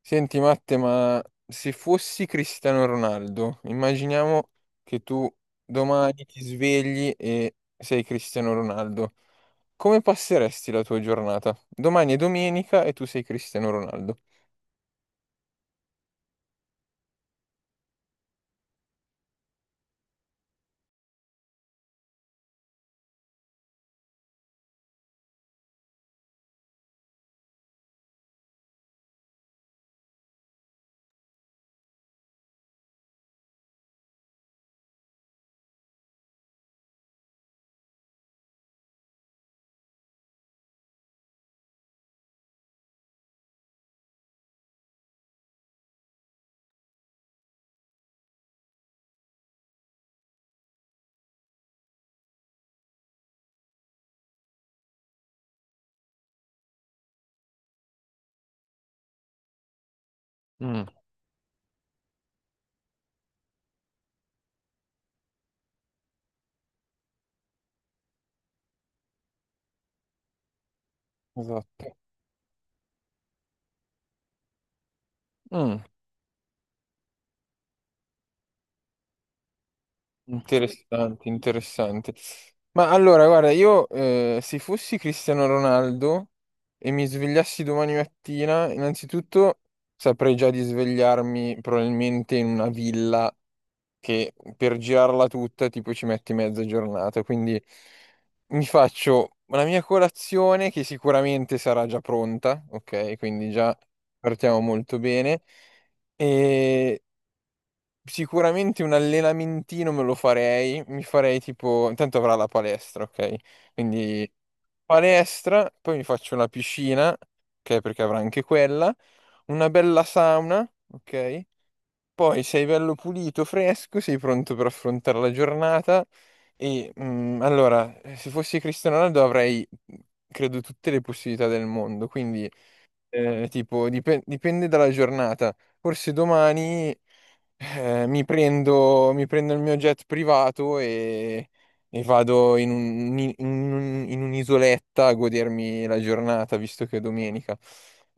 Senti Matte, ma se fossi Cristiano Ronaldo, immaginiamo che tu domani ti svegli e sei Cristiano Ronaldo. Come passeresti la tua giornata? Domani è domenica e tu sei Cristiano Ronaldo. Mm. Esatto. Mm, interessante, interessante. Ma allora, guarda, io se fossi Cristiano Ronaldo e mi svegliassi domani mattina, innanzitutto saprei già di svegliarmi probabilmente in una villa che per girarla tutta tipo ci metti mezza giornata, quindi mi faccio la mia colazione che sicuramente sarà già pronta, ok? Quindi già partiamo molto bene e sicuramente un allenamentino me lo farei, mi farei tipo, intanto avrà la palestra, ok? Quindi palestra, poi mi faccio una piscina, ok? Perché avrà anche quella, una bella sauna, ok? Poi sei bello pulito, fresco, sei pronto per affrontare la giornata e se fossi Cristiano Ronaldo avrei, credo, tutte le possibilità del mondo, quindi tipo, dipende dalla giornata. Forse domani mi prendo il mio jet privato e vado in in un'isoletta a godermi la giornata, visto che è domenica.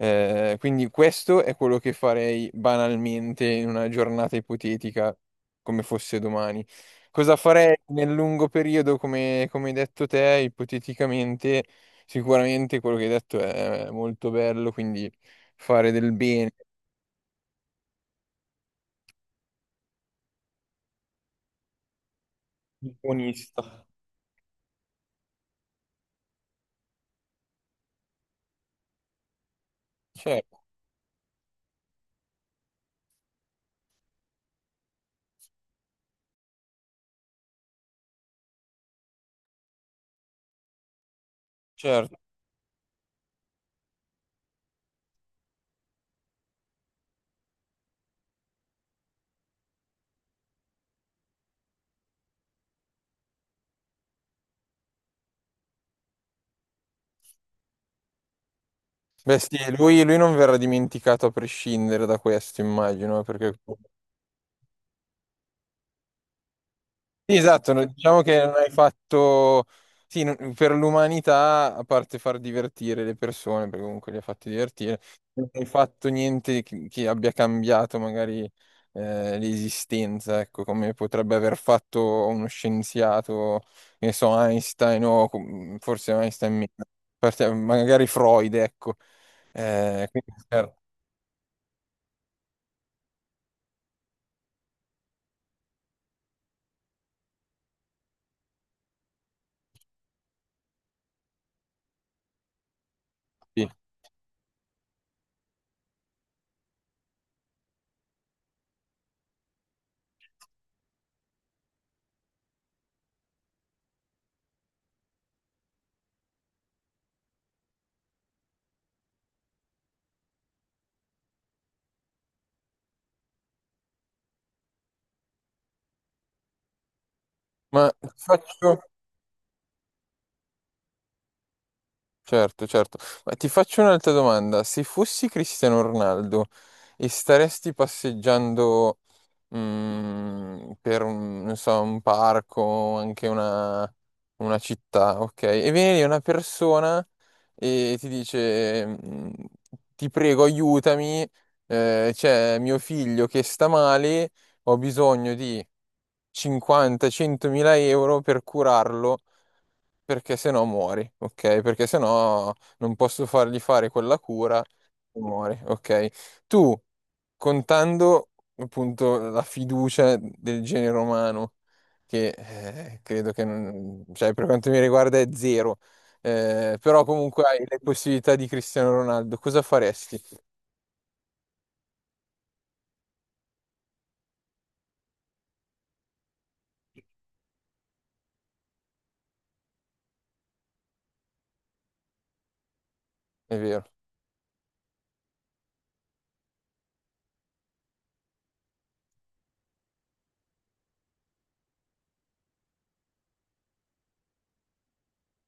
Quindi questo è quello che farei banalmente in una giornata ipotetica, come fosse domani. Cosa farei nel lungo periodo, come, come hai detto te, ipoteticamente? Sicuramente quello che hai detto è molto bello, quindi fare del bene, un buonista. Certo, certo. Beh sì, lui non verrà dimenticato a prescindere da questo, immagino, perché sì, esatto, diciamo che non hai fatto, sì, non per l'umanità, a parte far divertire le persone, perché comunque li ha fatti divertire, non hai fatto niente che, che abbia cambiato magari l'esistenza, ecco, come potrebbe aver fatto uno scienziato, che ne so, Einstein o forse Einstein meno, magari Freud, ecco. Quindi, certo, sì. Ma ti faccio... Certo, certo. Ma ti faccio un'altra domanda. Se fossi Cristiano Ronaldo e staresti passeggiando per un, non so, un parco, anche una città, ok? E viene lì una persona e ti dice, ti prego, aiutami, c'è mio figlio che sta male, ho bisogno di 50-100 mila euro per curarlo perché se no muori, ok? Perché se no non posso fargli fare quella cura e muori, ok? Tu, contando appunto la fiducia del genere umano, che credo che, non cioè, per quanto mi riguarda è zero, però comunque hai le possibilità di Cristiano Ronaldo, cosa faresti? È vero.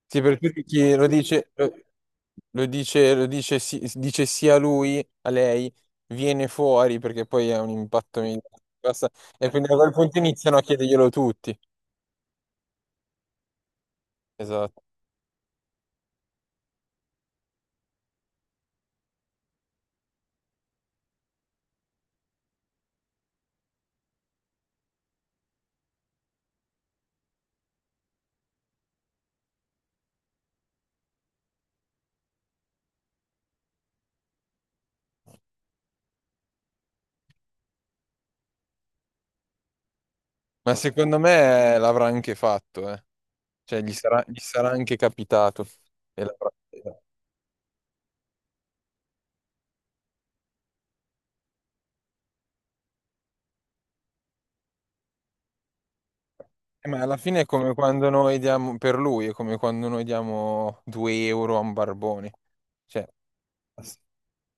Sì, perché chi lo dice, lo dice, sì dice sia lui a lei, viene fuori perché poi è un impatto migliore. Basta... E quindi da quel punto iniziano a chiederglielo tutti. Esatto. Ma secondo me l'avrà anche fatto, eh. Cioè gli sarà anche capitato. E l'avrà... ma alla fine è come quando noi diamo, per lui, è come quando noi diamo 2 euro a un barbone. Cioè,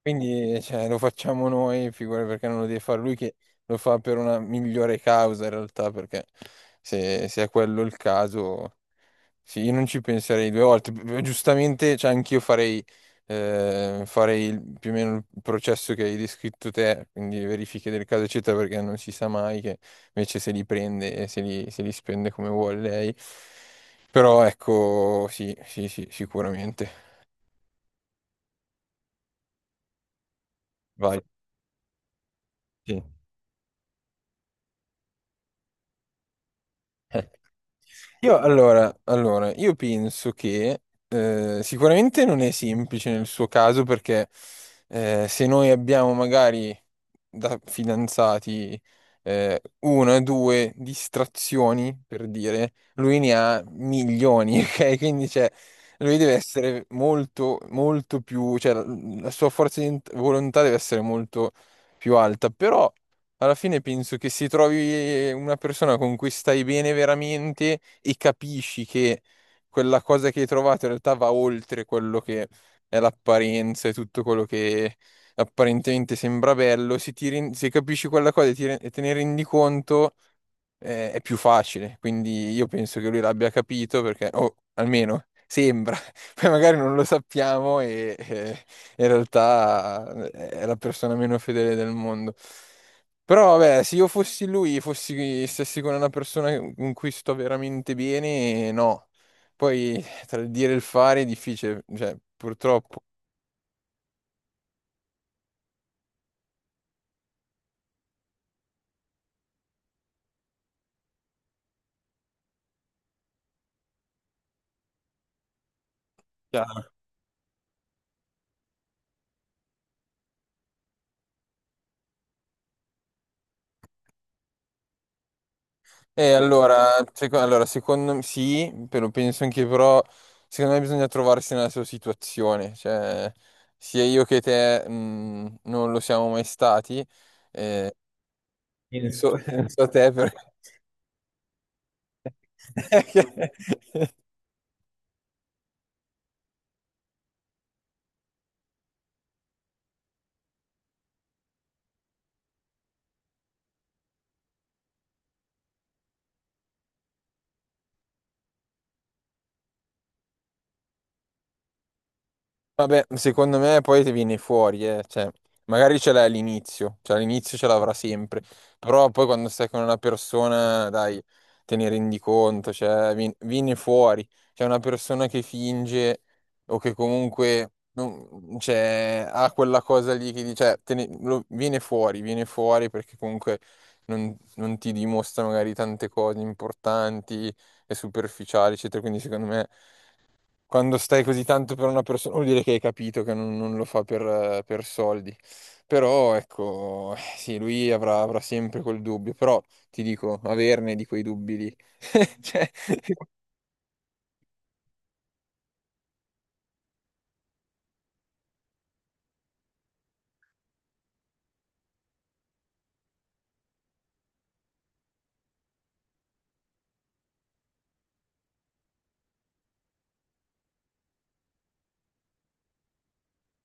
quindi cioè, lo facciamo noi, figura perché non lo deve fare lui che lo fa per una migliore causa in realtà, perché se è quello il caso, sì, io non ci penserei due volte. P- Giustamente, cioè, anch'io farei, farei il... più o meno il processo che hai descritto te, quindi verifiche del caso eccetera, perché non si sa mai che invece se li prende e se li spende come vuole lei. Però ecco, sì, sì, sì, sicuramente. Vai. Sì. Io allora, io penso che sicuramente non è semplice nel suo caso perché se noi abbiamo magari da fidanzati una, due distrazioni, per dire, lui ne ha milioni, ok? Quindi cioè, lui deve essere molto, molto più, cioè la sua forza di volontà deve essere molto più alta, però alla fine penso che se trovi una persona con cui stai bene veramente e capisci che quella cosa che hai trovato in realtà va oltre quello che è l'apparenza e tutto quello che apparentemente sembra bello, se, se capisci quella cosa e, e te ne rendi conto, è più facile. Quindi io penso che lui l'abbia capito perché, o almeno sembra, poi magari non lo sappiamo e in realtà è la persona meno fedele del mondo. Però vabbè, se io fossi lui, stessi con una persona con cui sto veramente bene, no. Poi tra il dire e il fare è difficile, cioè purtroppo. E allora, secondo me sì, però penso anche però, secondo me bisogna trovarsi nella sua situazione, cioè sia io che te non lo siamo mai stati, eh, bene. Non so te perché vabbè, secondo me poi ti viene fuori, eh. Cioè, magari ce l'hai all'inizio, cioè all'inizio ce l'avrà sempre, però poi quando stai con una persona, dai, te ne rendi conto, cioè, viene fuori. C'è una persona che finge o che comunque non cioè, ha quella cosa lì che dice, viene fuori perché comunque non ti dimostra magari tante cose importanti e superficiali, eccetera, quindi secondo me... Quando stai così tanto per una persona, vuol dire che hai capito che non lo fa per soldi. Però ecco, sì, avrà sempre quel dubbio, però ti dico, averne di quei dubbi lì. Cioè,